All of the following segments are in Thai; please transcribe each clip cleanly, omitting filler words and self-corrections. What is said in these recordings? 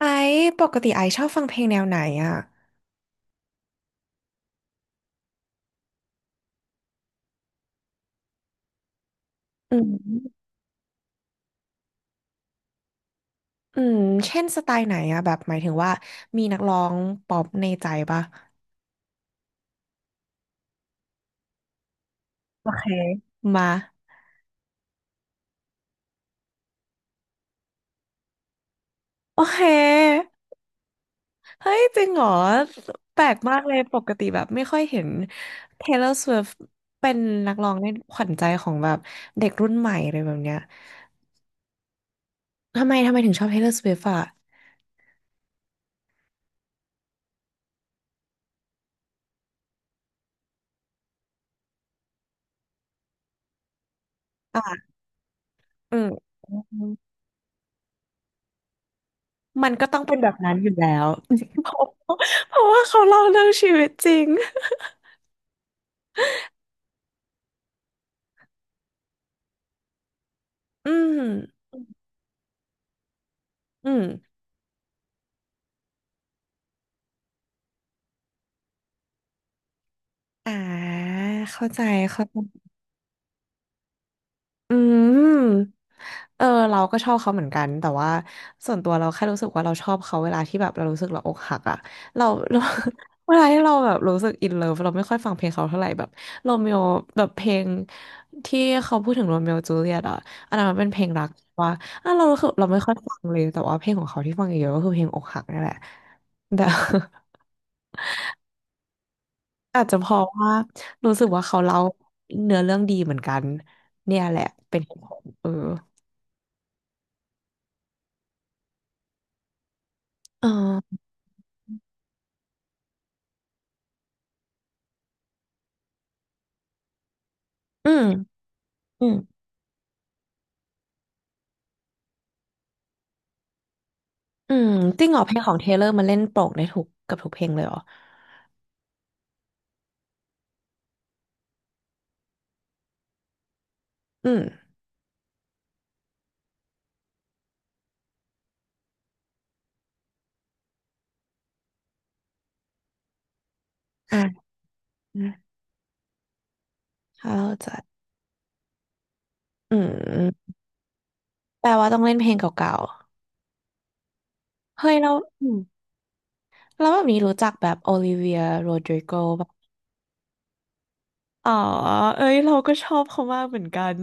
ไอซ์ปกติไอซ์ชอบฟังเพลงแนวไหนอ่ะอืมอืมเช่นสไตล์ไหนอ่ะแบบหมายถึงว่ามีนักร้องป๊อปในใจปะโอเคมาโอเคเฮ้ยจริงเหรอแปลกมากเลยปกติแบบไม่ค่อยเห็น Taylor Swift เป็นนักร้องในขวัญใจของแบบเด็กรุ่นใหม่อะไรแบบเนี้ยทำไมถึงชอบ Taylor Swift อ่ะอ่ะอืมมันก็ต้องเป็นแบบนั้นอยู่แล้ว เพราะเพราะว่าเขาเล่าเรื่องชีวิตจริงอืม อืมอ่าเข้าใจเข้าใจอืม เออ เราก็ชอบเขาเหมือนกันแต่ว่าส่วนตัวเราแค่รู้สึกว่าเราชอบเขาเวลาที่แบบเรารู้สึกเราอกหักอะเรา เรา เวลาที่เราแบบรู้สึกอินเลิฟเราไม่ค่อยฟังเพลงเขาเท่าไหร่แบบโรเมโอแบบเพลงที่เขาพูดถึงโรเมโอจูเลียตอะอันนั้นมันเป็นเพลงรักว่าอ่ะเรารู้สึกเราไม่ค่อยฟังเลยแต่ว่าเพลงของเขาที่ฟังเยอะๆก็คือเพลงอกหักนี่แหละ แต่ อาจจะเพราะว่ารู้สึกว่าเขาเล่าเนื้อเรื่องดีเหมือนกันเนี่ยแหละเป็นเหตุผลเออเอออืมอืมอืมจริงเหรอเพลงของเทเลอร์มันเล่นโปร่งนทุกกับทุกเพลงเลยเหรออืมอ่าเข้าใจอืมแปลว่าต้องเล่นเพลงเก่าๆเฮ้ยเราอืมแล้วแบบนี้รู้จักแบบโอลิเวียโรดริโกแบบอ๋อเอ้ยเราก็ชอบเขามากเหมือนกัน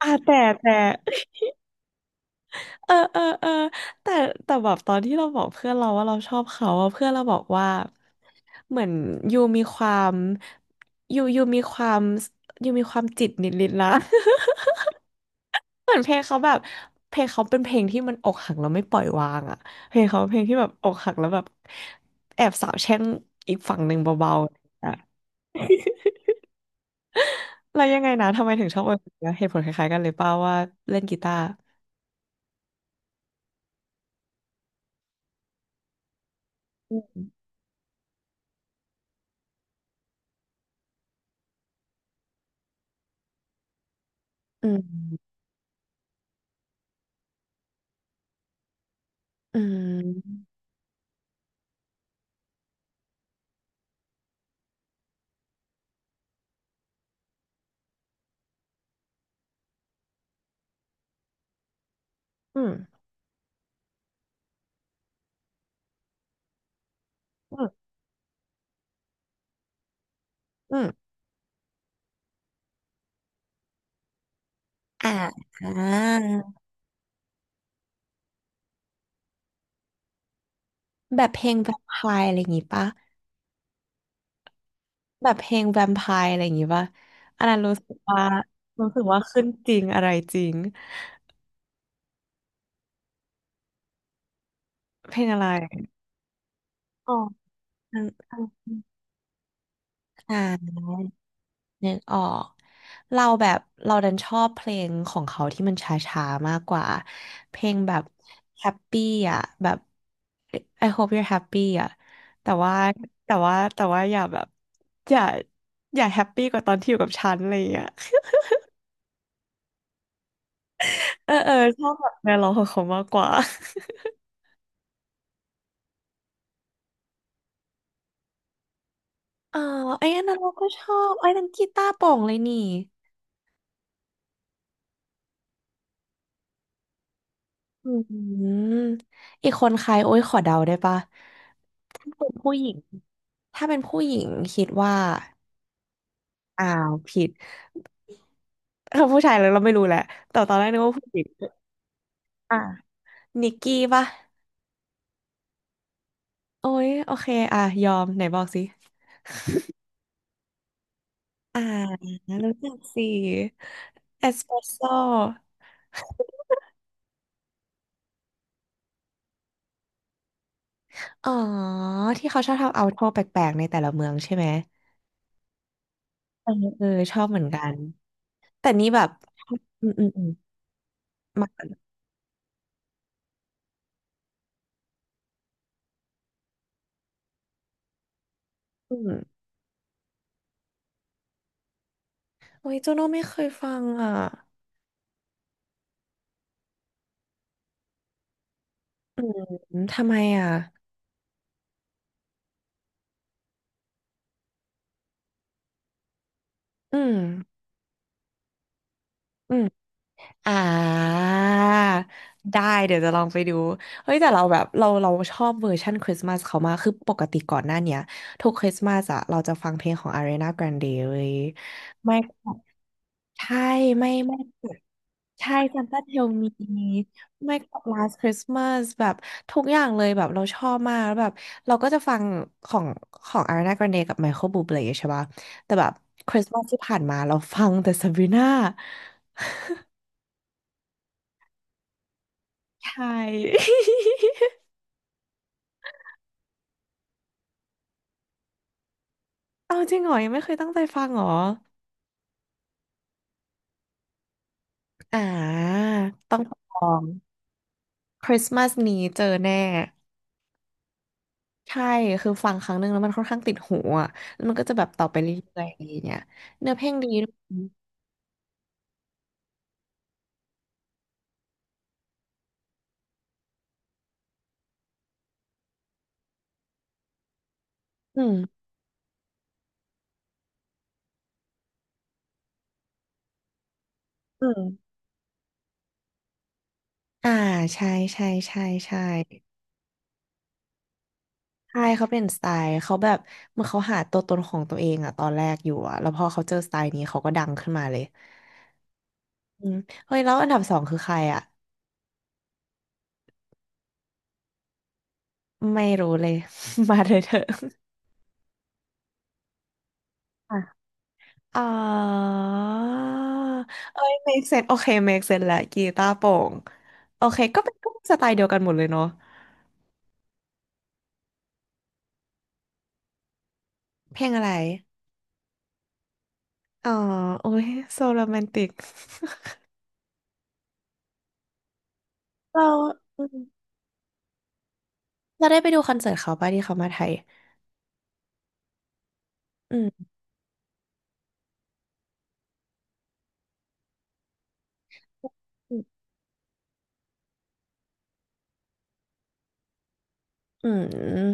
อ่าแต่ เออแต่แต่แบบตอนที่เราบอกเพื่อนเราว่าเราชอบเขาอะเพื่อนเราบอกว่าเหมือนยูมีความยูมีความยูมีความจิตนิดนนะ เหมือนเพลงเขาแบบเพลงเขาเป็นเพลงที่มันอกหักแล้วไม่ปล่อยวางอะเพลงเขาเป็นเพลงที่แบบอกหักแล้วแบบแอบสาวแช่งอีกฝั่งหนึ่งเบาๆอะ แล้วยังไงนะทำไมถึงชอบเอเอนะเหตุผลคล้ายๆกันเลยเป่าว่าเล่นกีตาร์อืมอืมอืมอืมอืม แบบเพลงแวมไพร์อะไรอย่างงี้ปะแบบเพลงแวมไพร์อะไรอย่างงี้ปะอันนั้นรู้สึกว่ารู้สึกว่าขึ้นจริงอะไรจริง เพลงอะไรอ๋ออันอันอ่านึกออกเราแบบเราดันชอบเพลงของเขาที่มันช้าๆมากกว่า เพลงแบบ happy อ่ะแบบ I hope you're happy อ่ะแต่ว่าแต่ว่าอย่าแบบอย่าอย่าแฮปปี้กว่าตอนที่อยู่กับฉันอะไรอย่างเงี้ย เออชอบแบบแนวร้องของเขามากกว่า อ๋อไอ้อันนั้นเราก็ชอบไอ้นั้นกีตาร์โปร่งเลยนี่อืมออีกคนใครโอ้ยขอเดาได้ปะถ้าเป็นผู้หญิงถ้าเป็นผู้หญิงคิดว่าอ้าวผิดเออผู้ชายแล้วเราไม่รู้แหละแต่ตอนแรกนึกว่าผู้หญิงอ่ะนิกกี้ปะโอ้ยโอเคอ่ะยอมไหนบอกสิอ่ารู้จักสิเอสเปรสโซ่ อ๋อที่เขาชอบทำเอาท์ดอร์แปลกๆในแต่ละเมืองใช่ไหมเออเออชอบเหมือนกันแต่นี่แบบอืมมาก่อนอืมโอ้ยโจโน่ไม่เคยฟังอ่ะอืมทำไมอ่ะอืมอืมอ่าได้เดี๋ยวจะลองไปดูเฮ้ยแต่เราแบบเราชอบเวอร์ชันคริสต์มาสเขามากคือปกติก่อนหน้าเนี้ยทุกคริสต์มาสอะเราจะฟังเพลงของ Ariana Grande เว้ยไม่ใช่ไม่ ใช่ Santa Tell Me ไม่ก็ Last Christmas แบบทุกอย่างเลยแบบเราชอบมากแล้วแบบเราก็จะฟังของของ Ariana Grande กับ Michael Bublé ใช่ป่ะแต่แบบ Christmas ที่ผ่านมาเราฟังแต่ Sabrina ใช่ เอาจริงเหรอยังไม่เคยตั้งใจฟังเหรออ่าต้องลอง Christmas นี้เจอแน่ใช่คือฟังครั้งหนึ่งแล้วมันค่อนข้างติดหูอ่ะแล้วมันก็จะแบบต่อไปเรื่อยๆอย่างเงี้ยเนื้อเพลงดีด้วยอืมอืม อ่าใช่ใช่ใช่ใช่ใช่เขาเป็นสไตล์เขาแบบเหมื่อนเขาหาตัวตนของตัวเองอะตอนแรกอยู่อะแล้วพอเขาเจอสไตล์นี้เขาก็ดังขึ้นมาเลยอืมเฮ้ยแล้วอันดับสองคือใครอะไม่รู้เลย มาเลยเถอะอ่ะอ๋อเอ้ย make sense โอเค make sense และกีตาร์โปร่งโอเคก็เป็นก็เป็นสไตล์เดียวกันหมดเลยเนาะเพลงอะไรอ๋อโอ้ยโซโรแมนติกเรา อืมเราได้ไปดูคอนเสิร์ตเขาป่ะที่เขามาไทยอืม อืม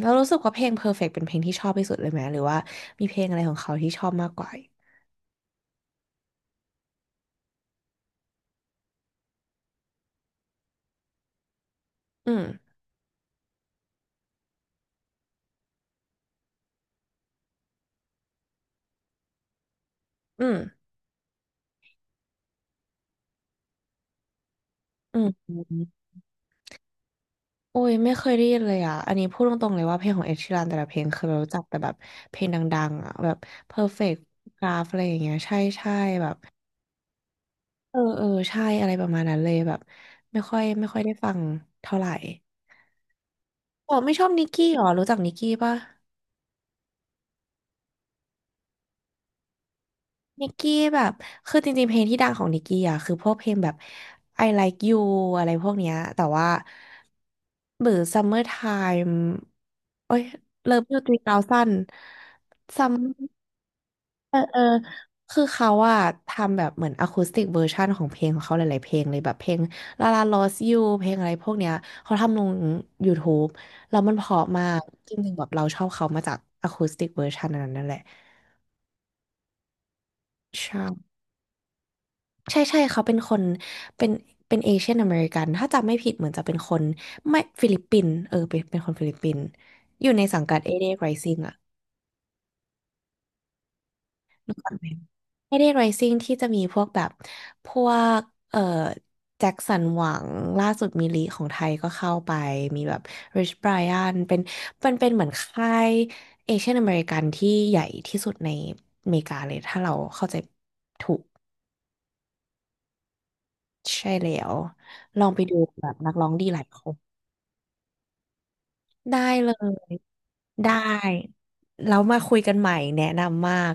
แล้วรู้สึกว่าเพลง Perfect เป็นเพลงที่ชอบที่สุดเลยไหมหรือว่ามีเพลงอะไรของเขาที่ชอบมากกว่าอืมอืมอืมโอ้ยไม่เคยได้ยินเลยอ่ะอันนี้พูดตรงๆเลยว่าเพลงของเอ s h ช r รันแต่ละเพลงเคยรู้จักแต่แบบเพลงดังๆอ่ะแบบ Perfect Graph อะไรอย่างเงี้ยใช่ใช่แบบเออใช่อะไรประมาณนั้นเลยแบบไม่ค่อยได้ฟังเท่าไหร่อ๋อไม่ชอบนิกกี้หรอรู้จักนิกกี้ปะ นิกกี้แบบคือจริงๆ เพลงที่ดังของนิกกี้อ่ะคือพวกเพลงแบบ I Like You อะไรพวกเนี้ยแต่ว่าหรือ Summertime โอ้ย Love You 3ั0น Summer เออคือเขาอะทำแบบเหมือนอะคูสติกเวอร์ชันของเพลงของเขาหลายๆเพลงเลยแบบเพลง La La Lost You เพลงอะไรพวกเนี้ยเขาทำลง YouTube แล้วมันเพราะมากจริงๆแบบเราชอบเขามาจากอะคูสติกเวอร์ชันนั้นนั่นแหละใช่ ใช่ใช่เขาเป็นคนเป็นเป็นเอเชียนอเมริกันถ้าจำไม่ผิดเหมือนจะเป็นคนไม่ฟิลิปปินส์เออเป็นคนฟิลิปปินส์อยู่ในสังกัดเอเด i ไรซิงอะนึกออกไหมเอเด i ไรซิงที่จะมีพวกแบบพวกเอ่อแจ็คสันหวังล่าสุดมีลีของไทยก็เข้าไปมีแบบริชไบร i ันเป็นเหมือนค่ายเอเชียนอเมริกันที่ใหญ่ที่สุดในอเมริกาเลยถ้าเราเข้าใจถูกใช่แล้วลองไปดูแบบนักร้องดีหลายคน ได้เลยได้แล้วมาคุยกันใหม่แนะนำมาก